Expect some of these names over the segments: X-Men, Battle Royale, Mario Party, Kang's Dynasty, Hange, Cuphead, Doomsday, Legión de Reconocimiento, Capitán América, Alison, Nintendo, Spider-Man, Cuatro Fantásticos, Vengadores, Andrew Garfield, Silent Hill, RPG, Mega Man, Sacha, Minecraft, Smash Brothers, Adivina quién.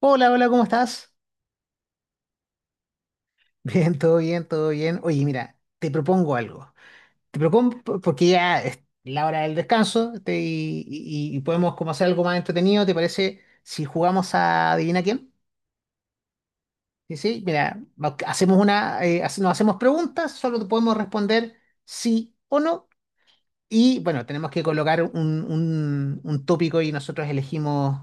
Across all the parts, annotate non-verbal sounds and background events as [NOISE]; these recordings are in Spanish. Hola, hola, ¿cómo estás? [LAUGHS] Bien, todo bien, todo bien. Oye, mira, te propongo algo. Te propongo porque ya es la hora del descanso y podemos como hacer algo más entretenido. ¿Te parece si jugamos a Adivina quién? Sí, sí, mira, hacemos una, nos hacemos preguntas, solo te podemos responder sí o no. Y bueno, tenemos que colocar un tópico y nosotros elegimos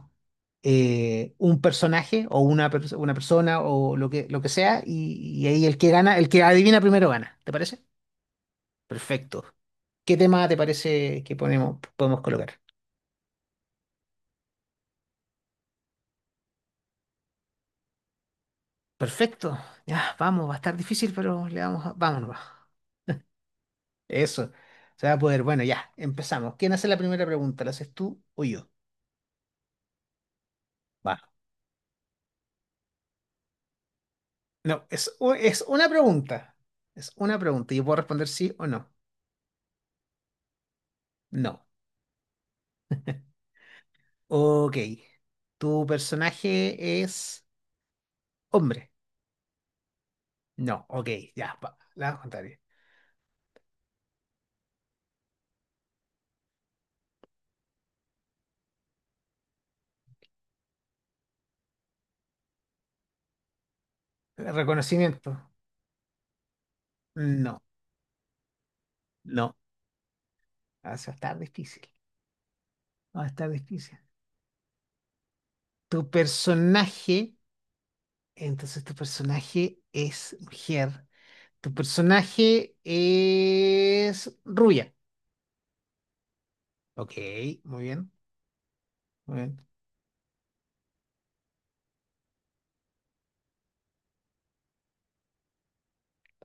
un personaje o una persona o lo que sea y ahí el que gana, el que adivina primero gana. ¿Te parece? Perfecto. ¿Qué tema te parece que ponemos, podemos colocar? Perfecto. Ya, vamos, va a estar difícil, pero le vamos a, vámonos. Eso. Se va a poder. Bueno, ya, empezamos. ¿Quién hace la primera pregunta? ¿La haces tú o yo? Va. No, es, es una pregunta. Es una pregunta. Yo puedo responder sí o no. No. Ok. ¿Tu personaje es hombre? No. Ok, ya, la contraria. ¿Reconocimiento? No. No. Ah, eso va a estar difícil. Va a estar difícil. ¿Tu personaje? Entonces, tu personaje es mujer. ¿Tu personaje es rubia? Ok, muy bien. Muy bien.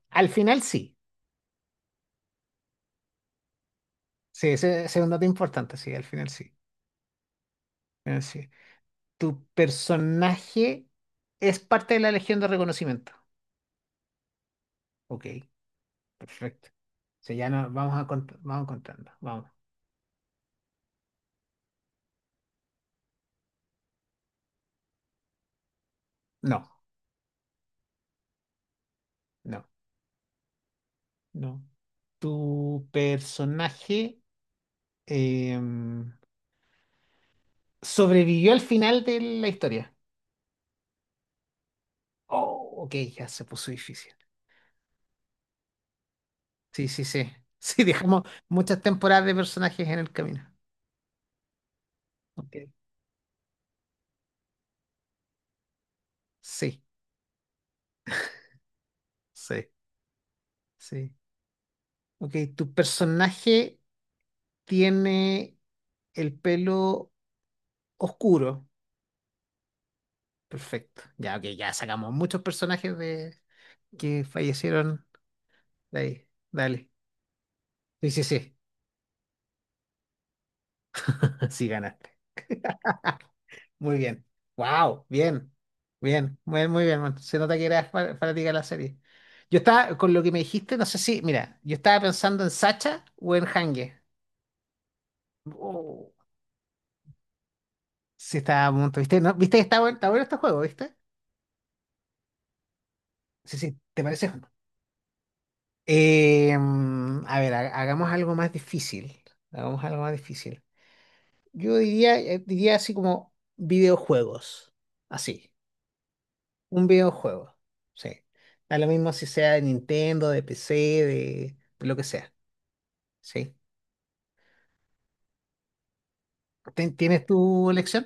Al final sí. Sí, ese es un dato importante, sí, al final sí. Al final sí. Tu personaje es parte de la Legión de Reconocimiento. Ok, perfecto. O sea, ya no, vamos contando. Vamos. No, no, no. Tu personaje em, sobrevivió al final de la historia. Oh, ok, ya se puso difícil. Sí, sí, sí. [LAUGHS] Sí, dejamos muchas temporadas de personajes en el camino. Ok. Sí, sí, sí. Ok, tu personaje tiene el pelo oscuro. Perfecto. Ya, ok, ya sacamos muchos personajes de que fallecieron de ahí. Dale. Sí, sí, sí. [LAUGHS] Sí, ganaste. Muy bien. Wow, bien. Bien, muy, muy bien, man. Se nota que eras fanática de la serie. Yo estaba, con lo que me dijiste, no sé si, mira, yo estaba pensando en Sacha o en Hange. Oh, sí, estaba a punto, ¿viste? ¿No? ¿Viste? Que está bueno, está bueno este juego, ¿viste? Sí, sí, ¿te parece? A ver, hagamos algo más difícil. Hagamos algo más difícil. Yo diría, diría así como videojuegos. Así. Un videojuego. Sí. Da lo mismo si sea de Nintendo, de PC, de lo que sea. Sí. ¿Tienes tu elección?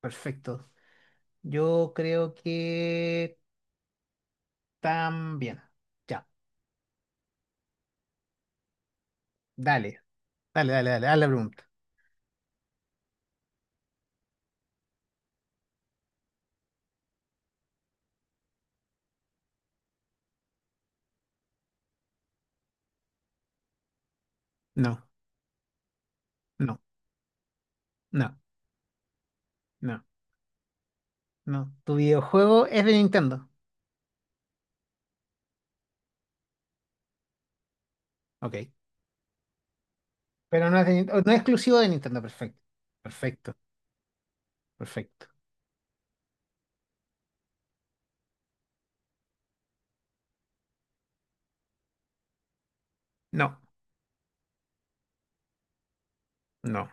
Perfecto. Yo creo que también. Ya. Dale. Dale, dale, dale. Haz la pregunta. No, no, no, no, no. Tu videojuego es de Nintendo. Ok. Pero no es exclusivo de Nintendo. Perfecto. Perfecto. Perfecto. No. No.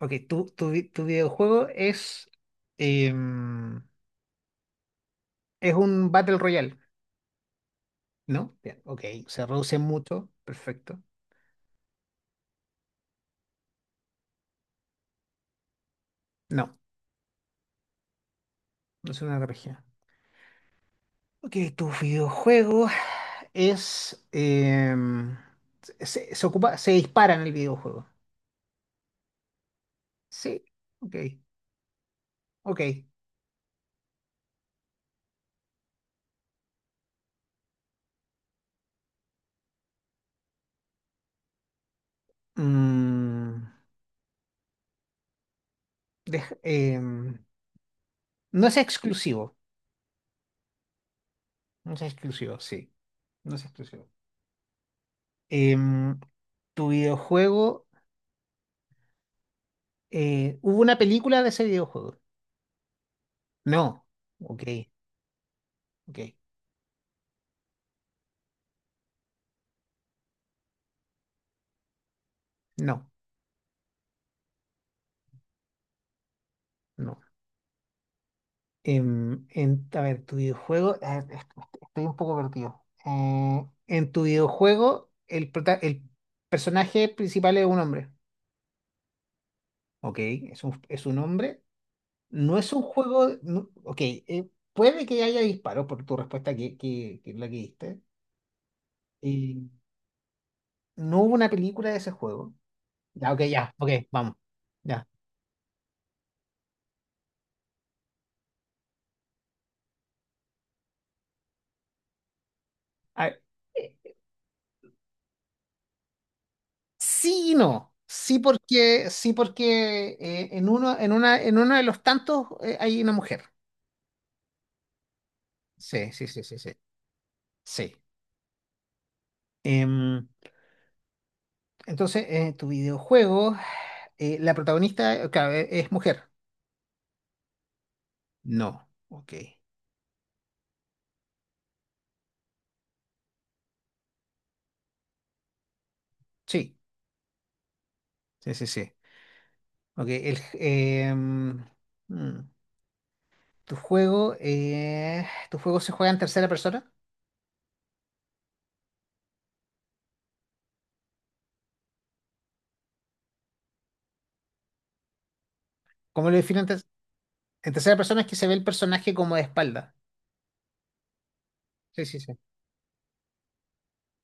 Ok, tu videojuego es, em, es un Battle Royale, ¿no? Bien, ok, se reduce mucho, perfecto. No, no es una RPG. Ok, tu videojuego es, se ocupa, se dispara en el videojuego. Sí, ok, ok. Mm, deja- em, no es exclusivo, no es exclusivo, sí, no es exclusivo. Em, tu videojuego, eh, ¿hubo una película de ese videojuego? No. Ok, ok. No, no. Em, en, a ver, tu videojuego. A ver, estoy un poco perdido. En tu videojuego, el personaje principal es un hombre. Ok, es un hombre. No es un juego. Ok, puede que haya disparos por tu respuesta que es la que diste. Y no hubo una película de ese juego. Ya, ok, ya, ok, vamos. Ya. A ver, eh, sí y no. Sí porque en uno, en una, en uno de los tantos hay una mujer. Sí, sí, sí, sí, sí. Sí. Em, entonces, tu videojuego, la protagonista, claro, es mujer. No. Ok. Sí, sí, sí, sí. Ok, mm, tu juego se juega en tercera persona. ¿Cómo lo definen? En tercera persona es que se ve el personaje como de espalda. Sí, sí, sí.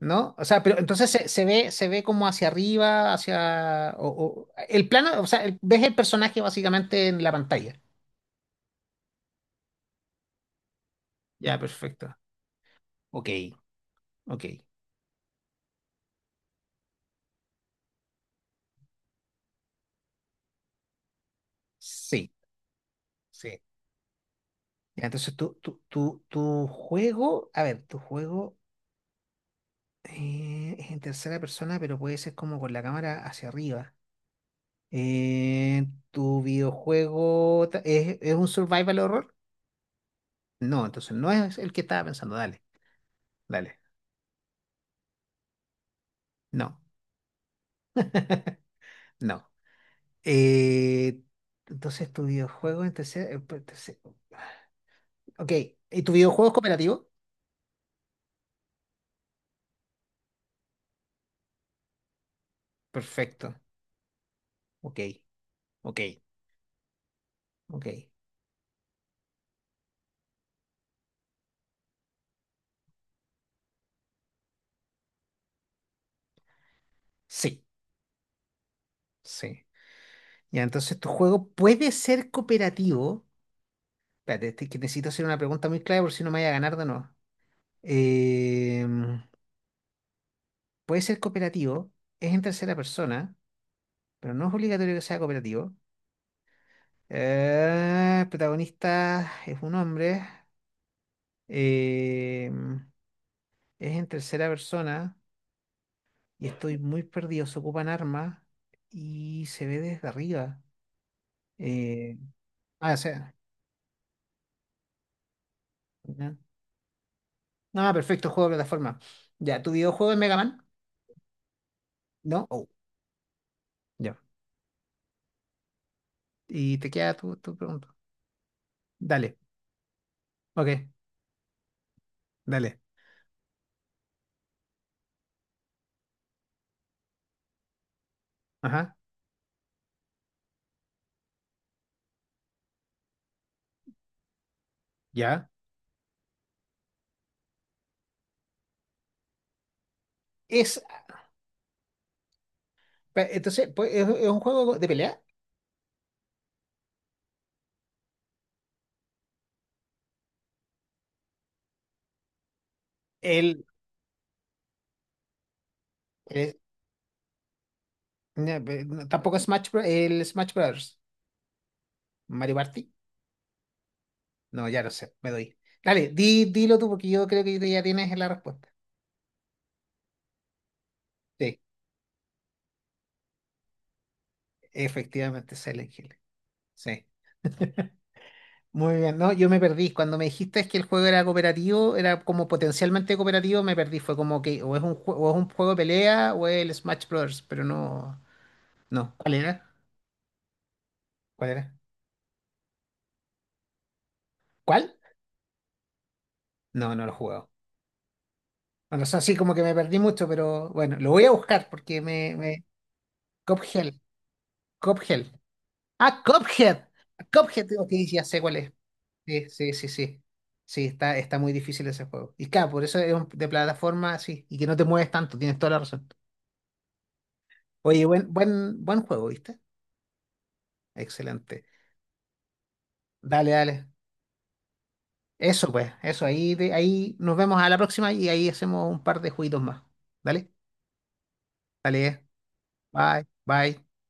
¿No? O sea, pero entonces se ve como hacia arriba, hacia... El plano, o sea, ves el personaje básicamente en la pantalla. Ya, perfecto. Ok, ok. Sí, sí. Ya, entonces tu juego, a ver, tu juego es en tercera persona, pero puede ser como con la cámara hacia arriba. Eh, ¿Tu videojuego es un survival horror? No, entonces no es el que estaba pensando. Dale, dale. No. [LAUGHS] No. Eh, entonces, tu videojuego en tercer- pues, tercer- ok. ¿Y tu videojuego es cooperativo? Perfecto. Ok. Ok. Ok. Sí. Sí. Ya, entonces tu juego puede ser cooperativo. Espérate, que necesito hacer una pregunta muy clara por si no me vaya a ganar de nuevo. Em, puede ser cooperativo. Es en tercera persona, pero no es obligatorio que sea cooperativo. El protagonista es un hombre. Em, es en tercera persona y estoy muy perdido. Se ocupan armas y se ve desde arriba. Eh, ah, o sea. Ya. Ah, perfecto, juego de plataforma. Ya, ¿tu videojuego es Mega Man? ¿No? Oh, ya. Y te queda tu, tu pregunta. Dale. Ok, dale. Ajá, ya. Es, entonces, pues, es un juego de pelea? El, el- no, no, tampoco es Smash, el Smash Brothers. Mario Party. No, ya no sé, me doy. Dale, di, dilo tú porque yo creo que ya tienes la respuesta. Sí. Efectivamente, Silent Hill. Sí. [LAUGHS] Muy bien, ¿no? Yo me perdí. Cuando me dijiste que el juego era cooperativo, era como potencialmente cooperativo, me perdí. Fue como que o es un juego de pelea o es el Smash Bros. Pero no. No. ¿Cuál era? ¿Cuál era? ¿Cuál? No, no lo he jugado. Bueno, eso sí, como que me perdí mucho, pero bueno, lo voy a buscar porque me. Me... Cuphead. Cuphead. Ah, Cuphead. Cuphead, digo que ya sé cuál es. Sí, sí, sí, sí. Sí, está, está muy difícil ese juego. Y claro, por eso es de plataforma, sí, y que no te mueves tanto, tienes toda la razón. Oye, buen, buen, buen juego, ¿viste? Excelente. Dale, dale. Eso pues, eso, ahí, ahí nos vemos a la próxima y ahí hacemos un par de jueguitos más. Dale, dale. Bye, bye.